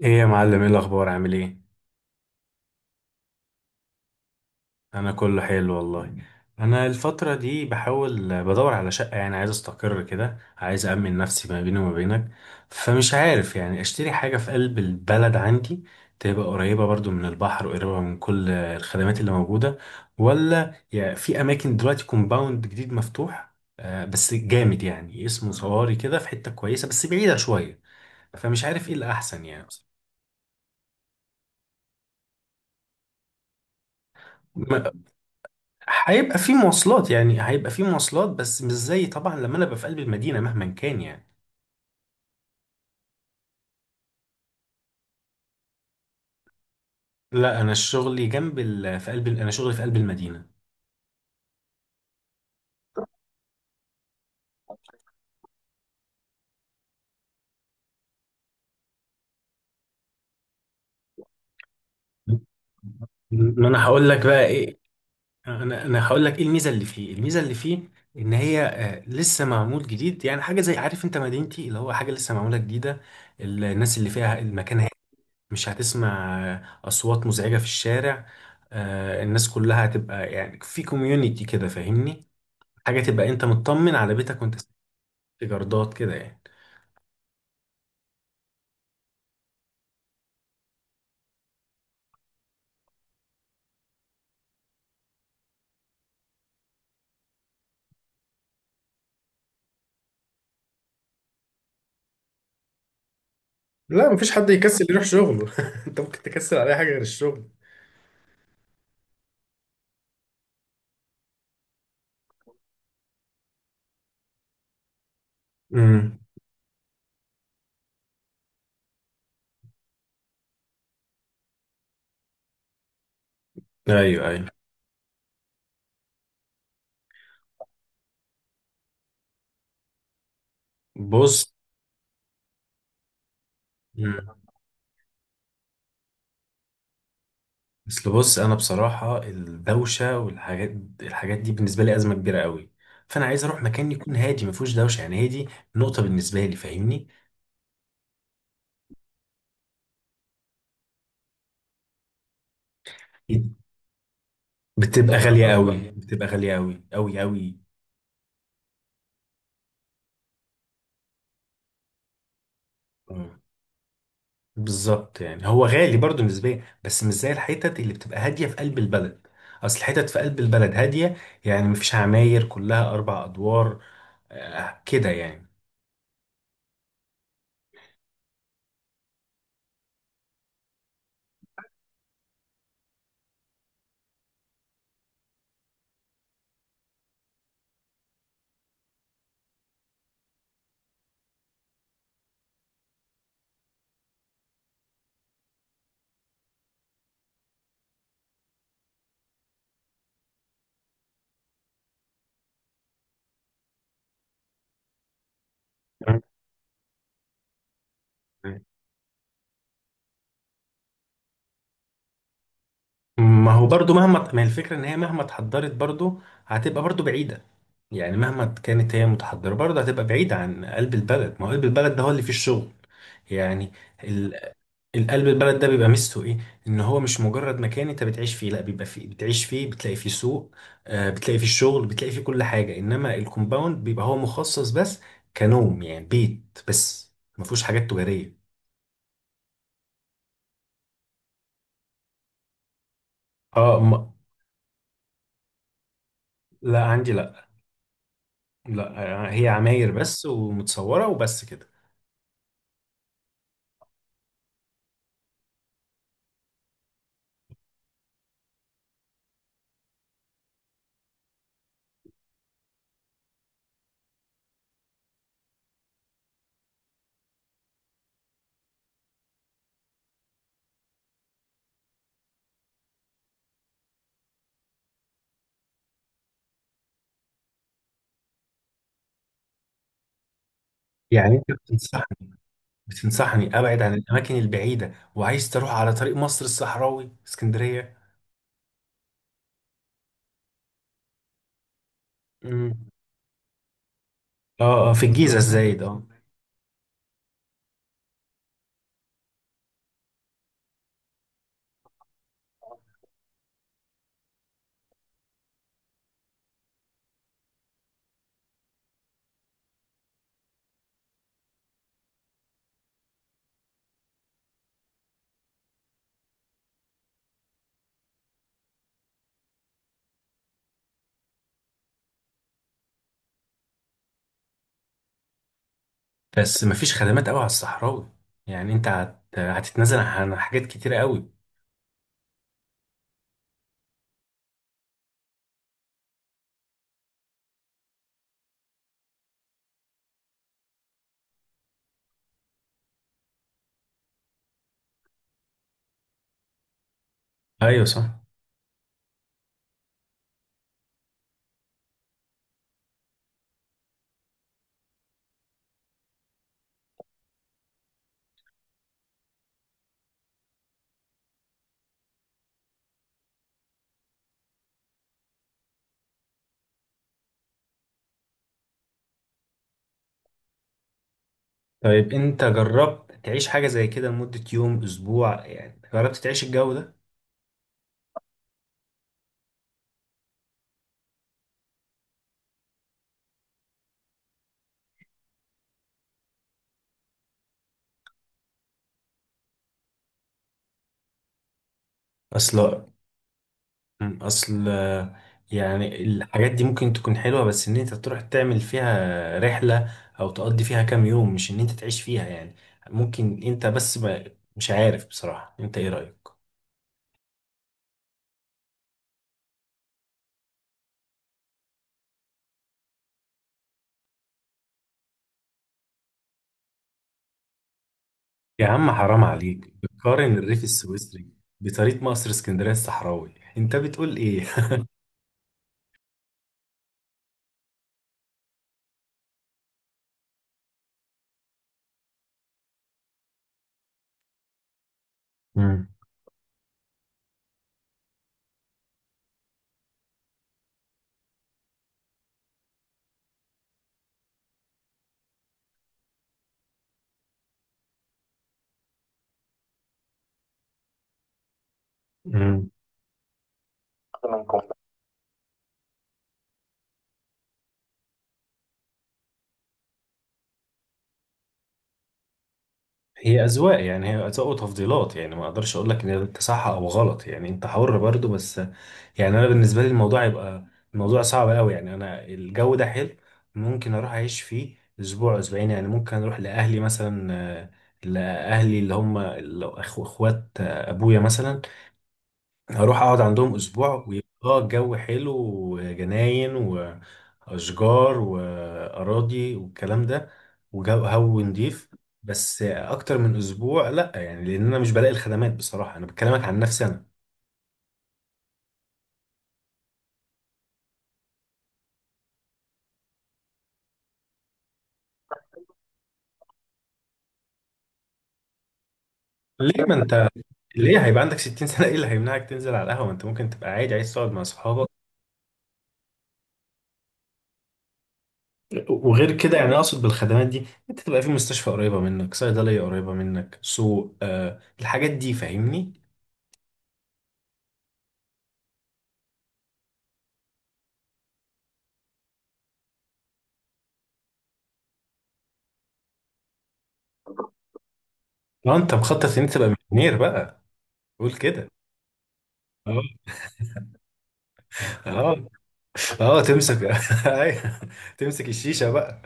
ايه يا معلم، ايه الاخبار، عامل ايه؟ انا كله حلو والله. انا الفتره دي بحاول بدور على شقه، يعني عايز استقر كده، عايز امن نفسي ما بيني وما بينك. فمش عارف يعني، اشتري حاجه في قلب البلد عندي، تبقى قريبه برضو من البحر وقريبه من كل الخدمات اللي موجوده، ولا يعني في اماكن دلوقتي كومباوند جديد مفتوح، بس جامد يعني، اسمه صواري، كده في حته كويسه بس بعيده شويه. فمش عارف ايه الاحسن يعني. هيبقى في مواصلات، يعني هيبقى في مواصلات، بس مش زي طبعا لما انا ابقى في قلب المدينه، مهما كان يعني. لا، انا شغلي في قلب المدينه. ما انا هقول لك بقى ايه. انا هقول لك ايه الميزه اللي فيه، الميزه اللي فيه، ان هي لسه معمول جديد، يعني حاجه زي، عارف انت مدينتي اللي هو حاجه لسه معموله جديده. الناس اللي فيها، المكان هادي. مش هتسمع اصوات مزعجه في الشارع. الناس كلها هتبقى يعني في كوميونيتي كده، فاهمني، حاجة تبقى انت مطمن على بيتك وانت ساكن، في جردات كده يعني. لا مفيش حد يكسل يروح شغله انت ممكن تكسل على اي حاجه غير الشغل. امم. ايوه، ايوه. بص. مم. اصل بص، انا بصراحة الدوشة والحاجات، الحاجات دي بالنسبة لي أزمة كبيرة قوي. فانا عايز اروح مكان يكون هادي، ما فيهوش دوشة، يعني هادي نقطة بالنسبة لي، فاهمني. بتبقى غالية قوي، بتبقى غالية قوي قوي قوي. بالظبط، يعني هو غالي برضه نسبيا، بس مش زي الحتت اللي بتبقى هاديه في قلب البلد. اصل الحتت في قلب البلد هاديه، يعني مفيش عماير كلها 4 ادوار، كده يعني. ما هو برضو، مهما، ما هي الفكرة ان هي مهما اتحضرت برضو، هتبقى برضو بعيدة. يعني مهما كانت هي متحضرة برضو هتبقى بعيدة عن قلب البلد، ما هو قلب البلد ده هو اللي فيه الشغل، يعني. ال- القلب البلد ده بيبقى ميزته ايه؟ ان هو مش مجرد مكان انت بتعيش فيه، لا، بيبقى فيه، بتعيش فيه، بتلاقي فيه سوق، بتلاقي فيه شغل، بتلاقي فيه كل حاجة، انما الكومباوند بيبقى هو مخصص بس كنوم، يعني بيت بس ما فيهوش حاجات تجارية. اه، ما. لا، عندي، لا. لا، هي عماير بس ومتصورة وبس كده. يعني انت بتنصحني، بتنصحني ابعد عن الاماكن البعيدة، وعايز تروح على طريق مصر الصحراوي اسكندرية؟ امم. اه، اه، في الجيزة الزايد، اه. بس مفيش خدمات قوي على الصحراوي. يعني انت هتتنازل عن حاجات كتيرة قوي. ايوه، صح. طيب انت جربت تعيش حاجة زي كده لمدة يوم، اسبوع، يعني جربت تعيش الجو ده؟ اصل اصل يعني الحاجات دي ممكن تكون حلوة، بس ان انت تروح تعمل فيها رحلة او تقضي فيها كام يوم، مش ان انت تعيش فيها يعني. ممكن انت بس ما، مش عارف بصراحة، انت ايه رأيك؟ يا عم حرام عليك، بتقارن الريف السويسري بطريق مصر اسكندرية الصحراوي، انت بتقول ايه؟ مم. مم. هي أذواق، يعني هي أذواق وتفضيلات، يعني ما أقدرش أقول لك إن ده صح أو غلط، يعني أنت حر برضو، بس يعني انا بالنسبه لي الموضوع يبقى، الموضوع صعب قوي، يعني انا، الجو ده حلو، ممكن اروح اعيش فيه اسبوع، اسبوعين، يعني ممكن اروح لاهلي مثلا، آه، لاهلي اللي هم اخوات ابويا مثلا، اروح اقعد عندهم اسبوع، ويبقى الجو حلو، وجناين واشجار واراضي والكلام ده، وجو هو نضيف. بس اكتر من اسبوع لا، يعني لان انا مش بلاقي الخدمات، بصراحه انا بكلمك عن نفسي انا. ليه ما انت، ليه هيبقى عندك 60 سنة ايه اللي هيمنعك تنزل على القهوة، ما انت ممكن تبقى عادي عايز تقعد مع صحابك. وغير كده يعني، اقصد بالخدمات دي، انت تبقى في مستشفى قريبة منك، صيدلية قريبة منك، سوق، الحاجات دي، فاهمني. اه، انت مخطط ان انت تبقى مليونير بقى؟ قول كده. اه، اه، اه، تمسك أيوه. تمسك الشيشة بقى.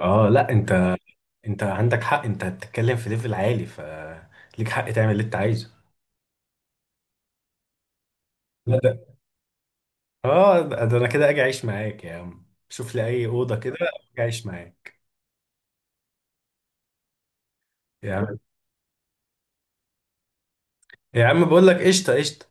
اه، لا، انت، انت عندك حق، انت بتتكلم في ليفل عالي، ف ليك حق تعمل اللي انت عايزه. لا ده، اه، ده انا كده اجي اعيش معاك يا عم، شوف لي اي اوضه كده. اجي اعيش معاك. يا عم. يا عم، بقول لك قشطه قشطه.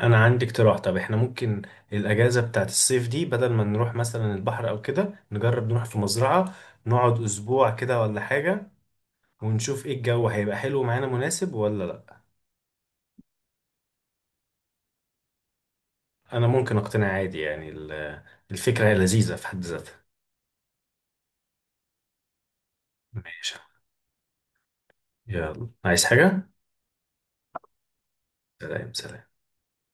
انا عندي اقتراح، طب احنا ممكن الاجازه بتاعت الصيف دي بدل ما نروح مثلا البحر او كده، نجرب نروح في مزرعه، نقعد اسبوع كده ولا حاجه، ونشوف ايه، الجو هيبقى حلو معانا مناسب ولا لا؟ انا ممكن اقتنع عادي، يعني الفكره هي لذيذه في حد ذاتها. ماشي. يلا، عايز حاجه؟ سلام، سلام.